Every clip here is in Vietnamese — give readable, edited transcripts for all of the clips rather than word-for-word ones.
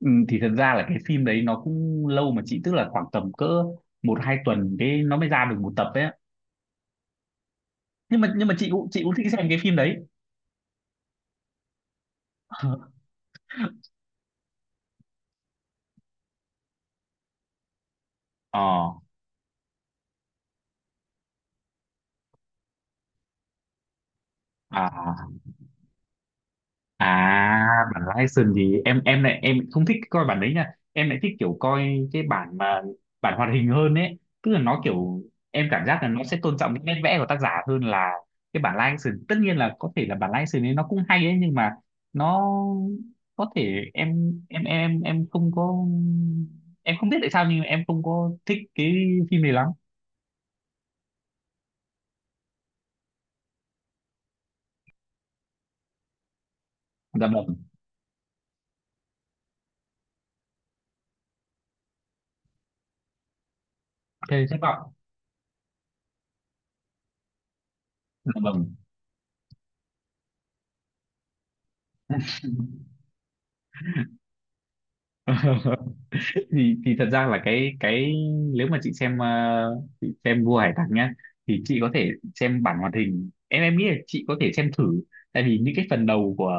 Ừ, thì thật ra là cái phim đấy nó cũng lâu mà chị, tức là khoảng tầm cỡ một hai tuần cái nó mới ra được một tập ấy. Nhưng mà chị cũng thích xem cái phim đấy. ờ Ờ, à. À, bản live gì em lại em không thích coi bản đấy nha. Em lại thích kiểu coi cái bản mà, bản hoạt hình hơn ấy. Tức là nó kiểu em cảm giác là nó sẽ tôn trọng những nét vẽ của tác giả hơn là cái bản live action. Tất nhiên là có thể là bản live action ấy nó cũng hay ấy, nhưng mà nó có thể em không có, em không biết tại sao nhưng mà em không có thích cái phim này lắm. Dạ vâng. Thế thất vọng. Dạ vâng. Thì thật ra là cái, nếu mà chị xem chị xem Vua Hải Tặc nhá, thì chị có thể xem bản hoạt hình, em nghĩ là chị có thể xem thử, tại vì những cái phần đầu của,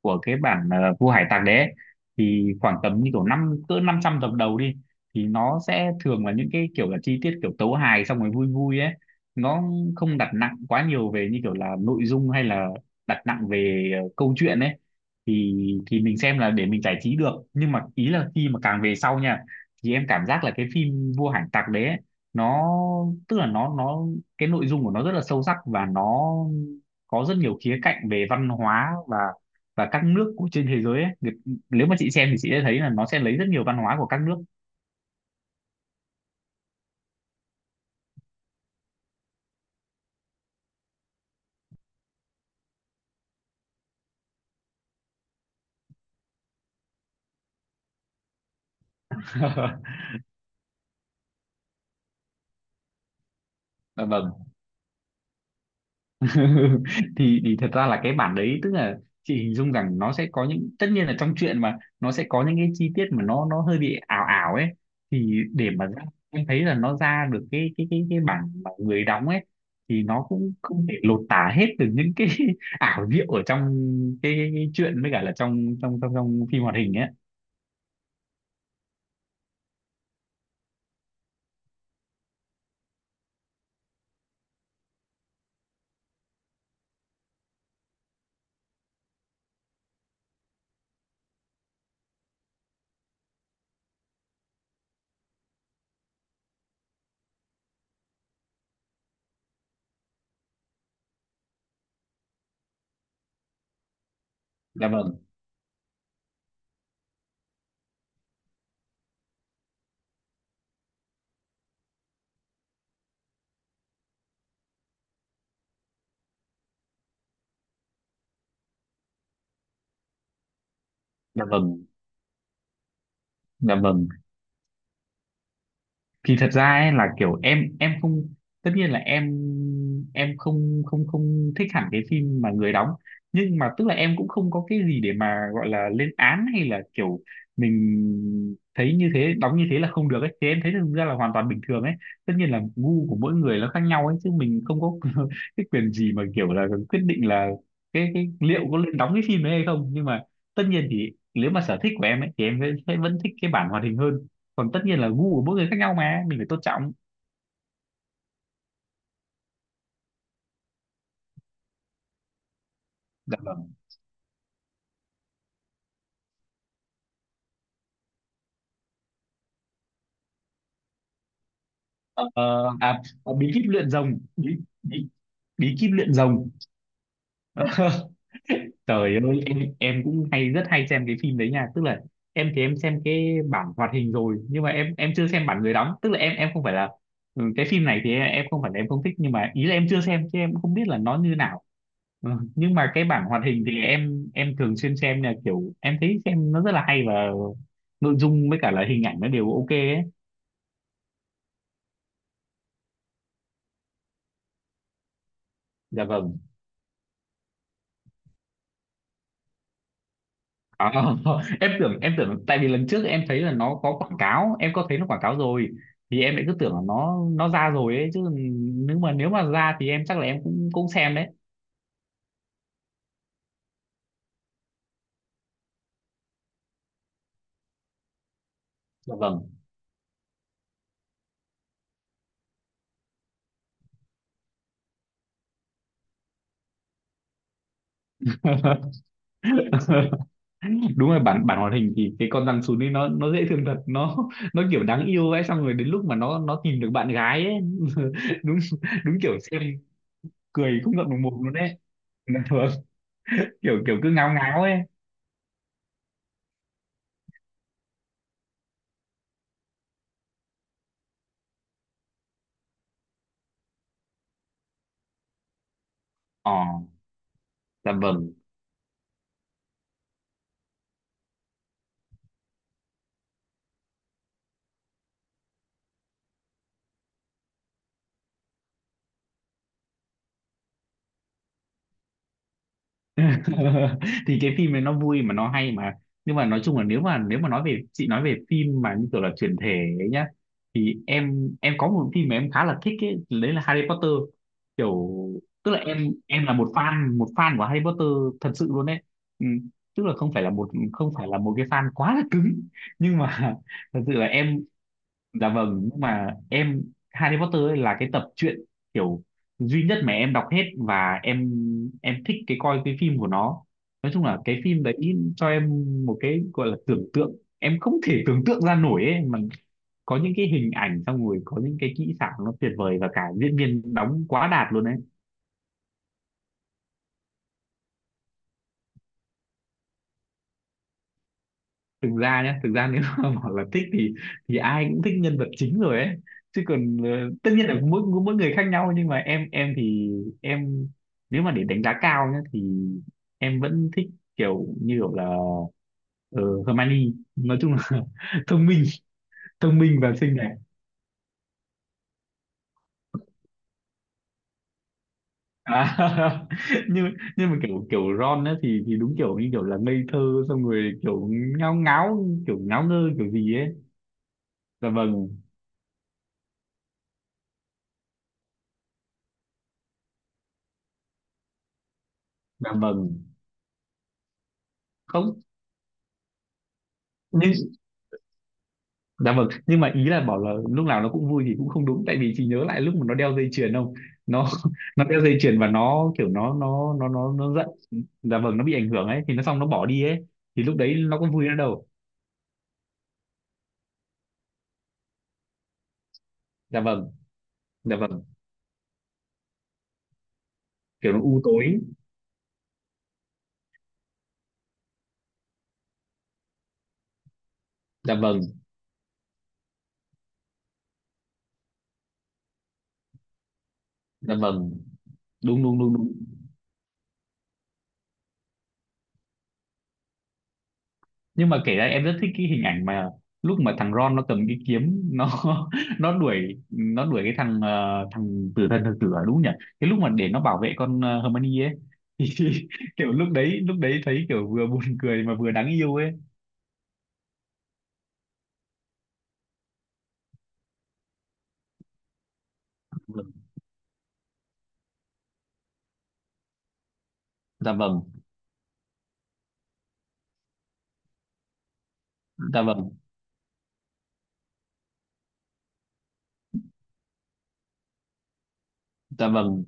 cái bản Vua Hải Tặc đấy ấy, thì khoảng tầm như kiểu năm cỡ 500 tập đầu đi, thì nó sẽ thường là những cái kiểu là chi tiết kiểu tấu hài xong rồi vui vui ấy. Nó không đặt nặng quá nhiều về như kiểu là nội dung hay là đặt nặng về câu chuyện ấy, thì thì mình xem là để mình giải trí được, nhưng mà ý là khi mà càng về sau nha, thì em cảm giác là cái phim Vua Hải Tặc đấy ấy, nó tức là nó, cái nội dung của nó rất là sâu sắc, và nó có rất nhiều khía cạnh về văn hóa, và các nước của trên thế giới ấy. Nếu mà chị xem thì chị sẽ thấy là nó sẽ lấy rất nhiều văn hóa của các nước. Vâng. Thì thật ra là cái bản đấy, tức là chị hình dung rằng nó sẽ có những, tất nhiên là trong chuyện mà nó sẽ có những cái chi tiết mà nó hơi bị ảo ảo ấy, thì để mà ra- em thấy là nó ra được cái bản mà người đóng ấy, thì nó cũng không thể lột tả hết được những cái ảo diệu ở trong cái truyện với cả là trong trong trong trong phim hoạt hình ấy. Dạ vâng, dạ vâng, dạ vâng. Thì thật ra ấy là kiểu em không tất nhiên là em không không không thích hẳn cái phim mà người đóng, nhưng mà tức là em cũng không có cái gì để mà gọi là lên án hay là kiểu mình thấy như thế, đóng như thế là không được ấy, thì em thấy thực ra là hoàn toàn bình thường ấy. Tất nhiên là gu của mỗi người nó khác nhau ấy, chứ mình không có cái quyền gì mà kiểu là quyết định là cái liệu có lên đóng cái phim đấy hay không. Nhưng mà tất nhiên thì nếu mà sở thích của em ấy thì em sẽ vẫn thích cái bản hoạt hình hơn, còn tất nhiên là gu của mỗi người khác nhau mà mình phải tôn trọng. Dạ vâng. ờ, bí kíp luyện rồng, bí, bí kíp luyện rồng. Trời ơi, em cũng hay, rất hay xem cái phim đấy nha, tức là em thì em xem cái bản hoạt hình rồi, nhưng mà em chưa xem bản người đóng, tức là em không phải là, cái phim này thì em không phải là em không thích, nhưng mà ý là em chưa xem chứ em cũng không biết là nó như nào. Ừ, nhưng mà cái bản hoạt hình thì em thường xuyên xem, là kiểu em thấy xem nó rất là hay, và nội dung với cả là hình ảnh nó đều ok ấy. Dạ vâng. À, em tưởng tại vì lần trước em thấy là nó có quảng cáo, em có thấy nó quảng cáo rồi, thì em lại cứ tưởng là nó ra rồi ấy chứ. Nếu mà ra thì em chắc là em cũng cũng xem đấy. Dạ vâng. Đúng rồi, bản bản hoạt hình thì cái con rắn sún ấy nó dễ thương thật, nó kiểu đáng yêu ấy, xong rồi đến lúc mà nó tìm được bạn gái ấy đúng, đúng kiểu xem cười không ngậm được mồm luôn đấy. Dạ vâng. Kiểu kiểu cứ ngáo ngáo ấy. Ờ, dạ vâng. Thì cái phim này nó vui mà, nó hay mà, nhưng mà nói chung là, nếu mà nói về chị, nói về phim mà như kiểu là chuyển thể ấy nhá, thì em có một phim mà em khá là thích ấy, đấy là Harry Potter. Kiểu tức là em là một fan, của Harry Potter thật sự luôn đấy. Ừ, tức là không phải là một, cái fan quá là cứng, nhưng mà thật sự là em. Dạ vâng, nhưng mà em, Harry Potter ấy là cái tập truyện kiểu duy nhất mà em đọc hết, và em thích cái coi cái phim của nó. Nói chung là cái phim đấy cho em một cái gọi là tưởng tượng, em không thể tưởng tượng ra nổi ấy mà, có những cái hình ảnh xong rồi có những cái kỹ xảo nó tuyệt vời, và cả diễn viên đóng quá đạt luôn ấy. Thực ra nhé, thực ra nếu mà bảo là thích thì ai cũng thích nhân vật chính rồi ấy chứ, còn tất nhiên là mỗi mỗi người khác nhau, nhưng mà em thì em, nếu mà để đánh giá cao nhé thì em vẫn thích kiểu như kiểu là Hermione, nói chung là thông minh, thông minh và xinh đẹp. À, nhưng mà kiểu kiểu Ron ấy thì đúng kiểu như kiểu là ngây thơ, xong rồi kiểu ngáo ngáo, kiểu ngáo ngơ kiểu gì ấy. Dạ vâng, dạ vâng. Không, nhưng. Dạ vâng, nhưng mà ý là bảo là lúc nào nó cũng vui thì cũng không đúng, tại vì chị nhớ lại lúc mà nó đeo dây chuyền không? Nó nó đeo dây chuyền và nó kiểu, nó giận. Dạ vâng, nó bị ảnh hưởng ấy thì nó, xong nó bỏ đi ấy, thì lúc đấy nó có vui nữa đâu. Dạ vâng, dạ vâng, kiểu nó u tối. Dạ vâng, dạ vâng, đúng đúng đúng đúng. Nhưng mà kể ra em rất thích cái hình ảnh mà lúc mà thằng Ron nó cầm cái kiếm, nó nó đuổi cái thằng, thằng tử thần thực tử, à, đúng nhỉ, cái lúc mà để nó bảo vệ con, Hermione ấy thì kiểu lúc đấy thấy kiểu vừa buồn cười mà vừa đáng yêu ấy. Dạ vâng, dạ vâng, dạ vâng.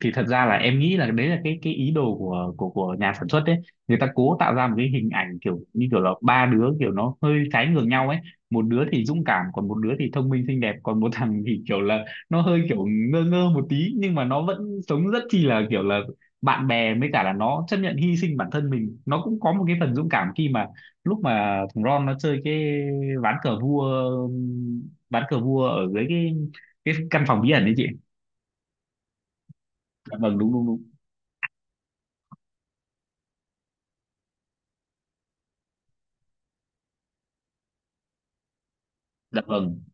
Thì thật ra là em nghĩ là đấy là cái ý đồ của nhà sản xuất đấy. Người ta cố tạo ra một cái hình ảnh kiểu như kiểu là ba đứa kiểu nó hơi trái ngược nhau ấy, một đứa thì dũng cảm, còn một đứa thì thông minh xinh đẹp, còn một thằng thì kiểu là nó hơi kiểu ngơ ngơ một tí, nhưng mà nó vẫn sống rất chi là kiểu là bạn bè, với cả là nó chấp nhận hy sinh bản thân mình, nó cũng có một cái phần dũng cảm khi mà lúc mà thằng Ron nó chơi cái ván cờ vua ván cờ vua ở dưới cái căn phòng bí ẩn đấy chị. Dạ vâng, đúng đúng đúng. Dạ vâng,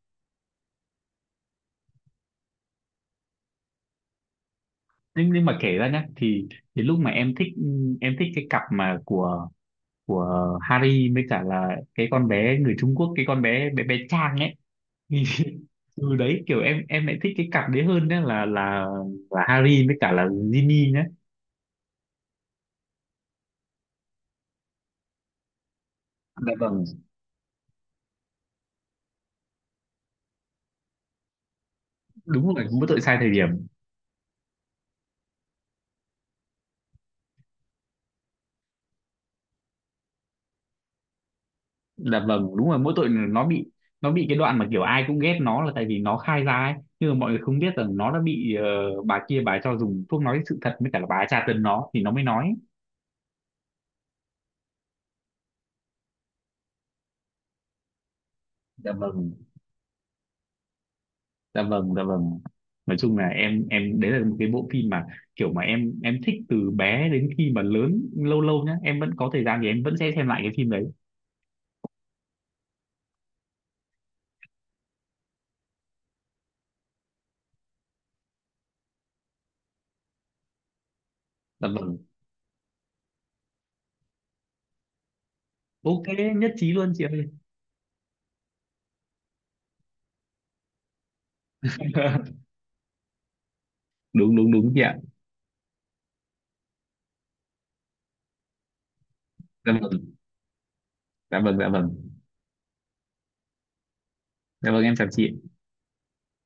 nhưng mà kể ra nhá, thì lúc mà em thích, cái cặp mà của, Harry với cả là cái con bé người Trung Quốc, cái con bé, bé Trang ấy, thì từ đấy kiểu em lại thích cái cặp đấy hơn nhá, là Harry với cả là Ginny nhá. Dạ vâng, đúng rồi, mỗi tội sai thời điểm. Dạ vâng, đúng rồi, mỗi tội nó bị, cái đoạn mà kiểu ai cũng ghét nó là tại vì nó khai ra ấy, nhưng mà mọi người không biết rằng nó đã bị, bà kia, bà ấy cho dùng thuốc nói sự thật, với cả là bà ấy tra tấn nó thì nó mới nói. Dạ vâng, dạ vâng, dạ vâng, nói chung là em đấy là một cái bộ phim mà kiểu mà em thích từ bé đến khi mà lớn, lâu lâu nhá em vẫn có thời gian thì em vẫn sẽ xem lại cái phim đấy. Dạ vâng. Ok, nhất trí luôn chị ơi. Đúng đúng đúng chị ạ. Dạ vâng, dạ vâng, dạ vâng, dạ vâng, em chào chị.